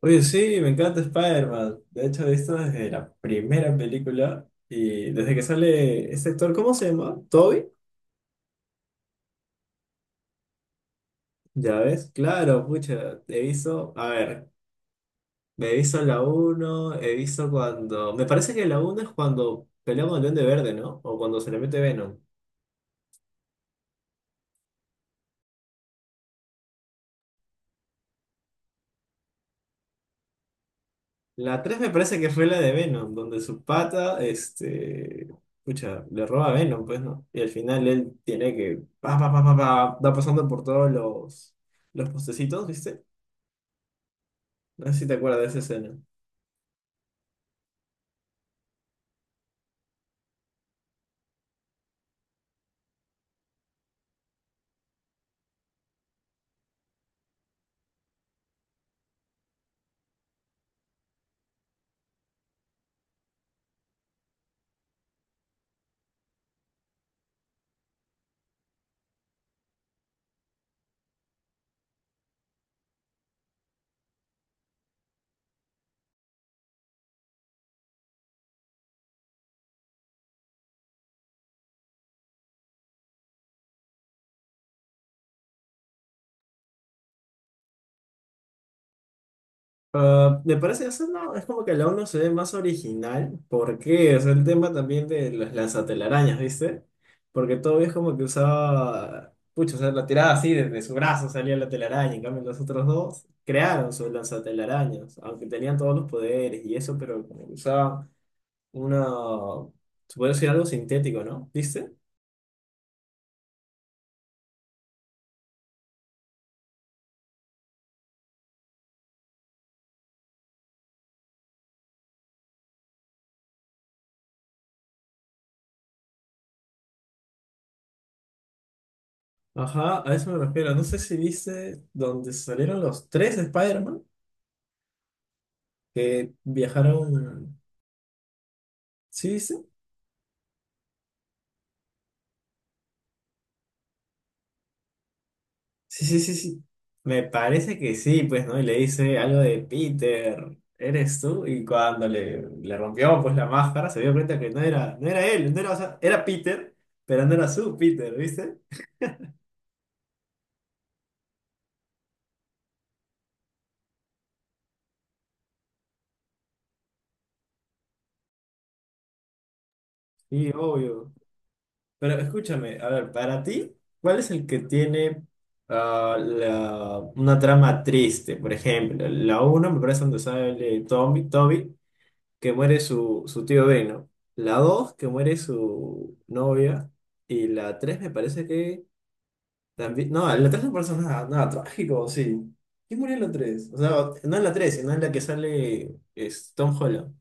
Oye, sí, me encanta Spider-Man. De hecho, he visto desde la primera película y desde que sale este actor, ¿cómo se llama? ¿Toby? Ya ves, claro, pucha, he visto, a ver, me he visto la uno me parece que la uno es cuando pelea con el Duende Verde, ¿no? O cuando se le mete Venom. La 3 me parece que fue la de Venom, donde su pata, pucha, le roba a Venom, pues, ¿no? Y al final él tiene que, pa, pa, pa, pa, pa, va pasando por todos los postecitos, ¿viste? No sé si te acuerdas de esa escena. Ah, me parece eso no, es como que la uno se ve más original. ¿Por qué? O sea, el tema también de las lanzatelarañas, ¿viste? Porque todavía es como que usaba. Pucha, o sea, la tiraba así, desde su brazo salía la telaraña. En cambio, los otros dos crearon sus lanzatelarañas, aunque tenían todos los poderes y eso, pero como que usaban una. Se puede decir algo sintético, ¿no? ¿Viste? Ajá, a eso me refiero. No sé si viste donde salieron los tres Spider-Man que viajaron. Sí, sí, sí, sí, sí, sí. Me parece que sí, pues, ¿no? Y le dice algo de Peter, ¿eres tú? Y cuando le rompió, pues, la máscara, se dio cuenta que no era, no era él, no era, o sea, era Peter, pero no era su Peter, ¿viste? Y obvio. Pero escúchame, a ver, para ti, ¿cuál es el que tiene una trama triste? Por ejemplo, la uno me parece donde sale Tommy, Toby, que muere su tío Ben, ¿no? La 2 que muere su novia. Y la 3 me parece que también. No, en la 3 no pasa nada, nada trágico, sí. ¿Quién murió en la 3? O sea, no en la 3 sino en la que sale es Tom Holland.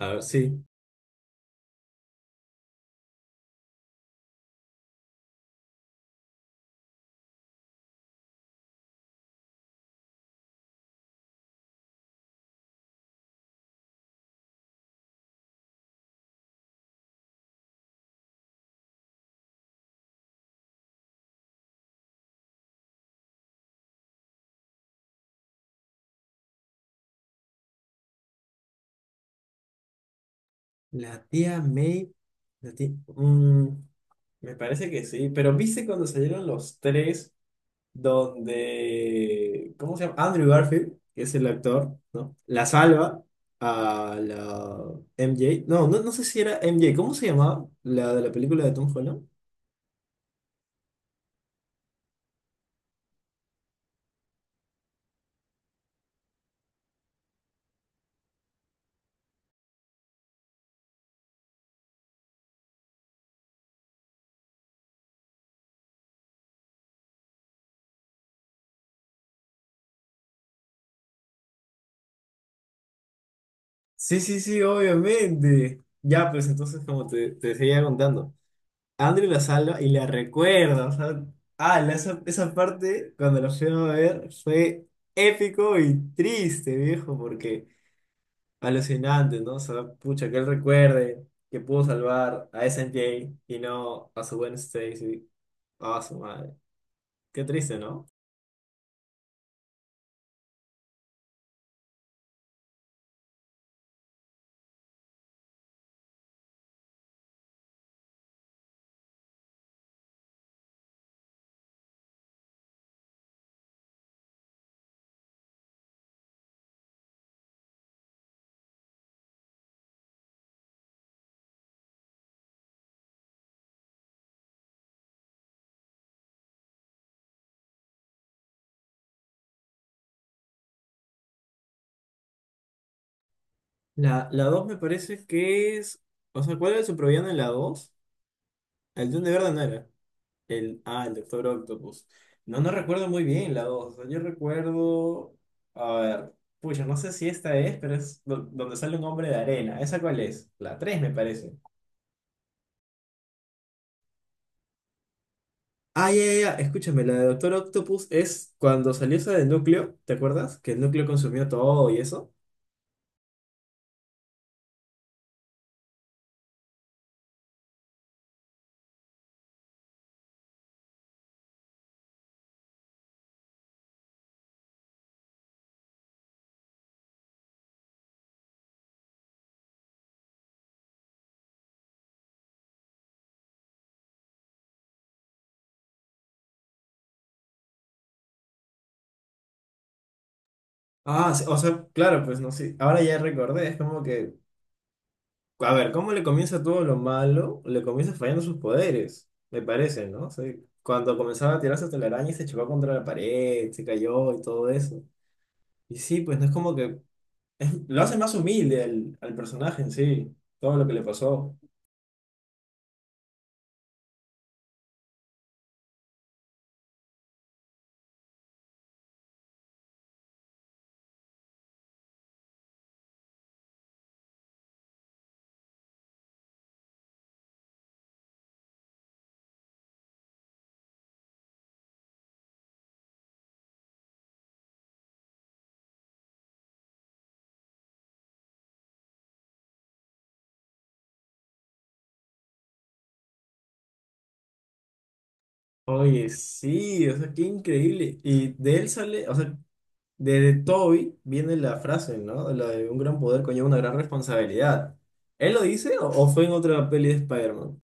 A ver, sí. La tía May. La tía- mm, me parece que sí, pero ¿viste cuando salieron los tres? Donde, ¿cómo se llama? Andrew Garfield, que es el actor, ¿no? La salva a la MJ. No, no, no sé si era MJ, ¿cómo se llamaba? La de la película de Tom Holland. Sí, sí, sí, obviamente. Ya, pues entonces, como te seguía contando, Andrew la salva y la recuerda. O sea, esa parte, cuando la fui a ver, fue épico y triste, viejo, porque alucinante, ¿no? O sea, pucha, que él recuerde que pudo salvar a S. N J. y no a su buen Stacy, a su madre. Qué triste, ¿no? La dos me parece que es. O sea, ¿cuál era su supervillano en la 2? El de Verde no era. El Doctor Octopus. No, no recuerdo muy bien la 2. O sea, yo recuerdo. A ver, pucha, no sé si esta es, pero es donde sale un hombre de arena. ¿Esa cuál es? La 3 me parece. Ah, ya, ya, ya, escúchame, la de Doctor Octopus es cuando salió esa del núcleo, ¿te acuerdas? Que el núcleo consumió todo y eso. Ah, sí, o sea, claro, pues no sé, ahora ya recordé, es como que, a ver, ¿cómo le comienza todo lo malo? Le comienza fallando sus poderes, me parece, ¿no? O sea, cuando comenzaba a tirarse hasta la araña y se chocó contra la pared, se cayó y todo eso. Y sí, pues no es como que, lo hace más humilde al personaje en sí, todo lo que le pasó. Oye, sí, o sea, qué increíble. Y de él sale, o sea, desde Toby viene la frase, ¿no? La de un gran poder conlleva una gran responsabilidad. ¿Él lo dice o fue en otra peli de Spider-Man?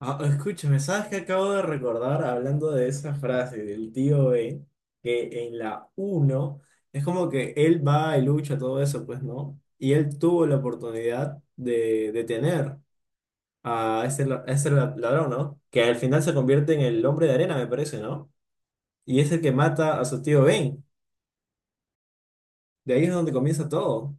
Ah, escúchame, ¿sabes qué acabo de recordar hablando de esa frase del tío Ben? Que en la uno es como que él va y lucha todo eso, pues, ¿no? Y él tuvo la oportunidad de detener a ese ladrón, ¿no? Que al final se convierte en el hombre de arena, me parece, ¿no? Y es el que mata a su tío Ben. De ahí es donde comienza todo.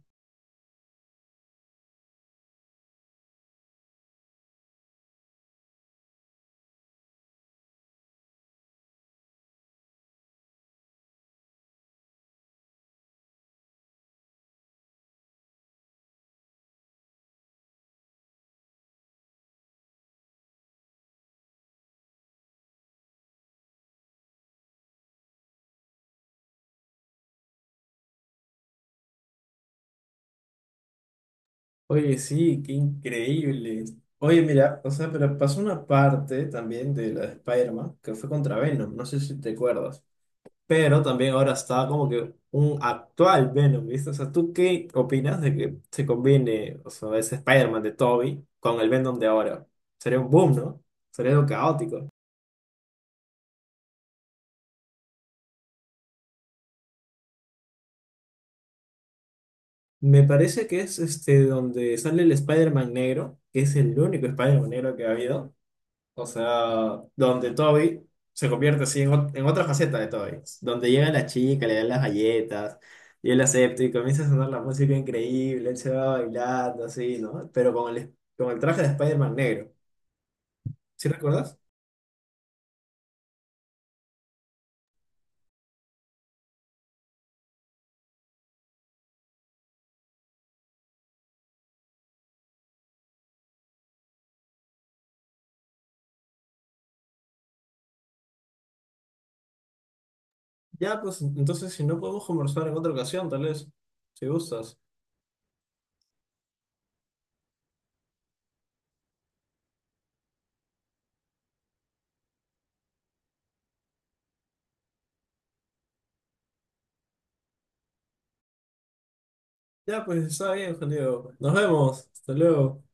Oye, sí, qué increíble. Oye, mira, o sea, pero pasó una parte también de la de Spider-Man que fue contra Venom, no sé si te acuerdas, pero también ahora está como que un actual Venom, ¿viste? O sea, ¿tú qué opinas de que se combine, o sea, ese Spider-Man de Toby con el Venom de ahora? Sería un boom, ¿no? Sería algo caótico. Me parece que es este donde sale el Spider-Man negro, que es el único Spider-Man negro que ha habido. O sea, donde Toby se convierte así en otra faceta de Toby. Donde llega la chica, le dan las galletas, y él acepta y comienza a sonar la música increíble, él se va bailando así, ¿no? Pero con el traje de Spider-Man negro. ¿Sí recuerdas? Ya, pues entonces si no podemos conversar en otra ocasión, tal vez, si gustas. Ya, pues está bien, Juan Diego. Nos vemos. Hasta luego.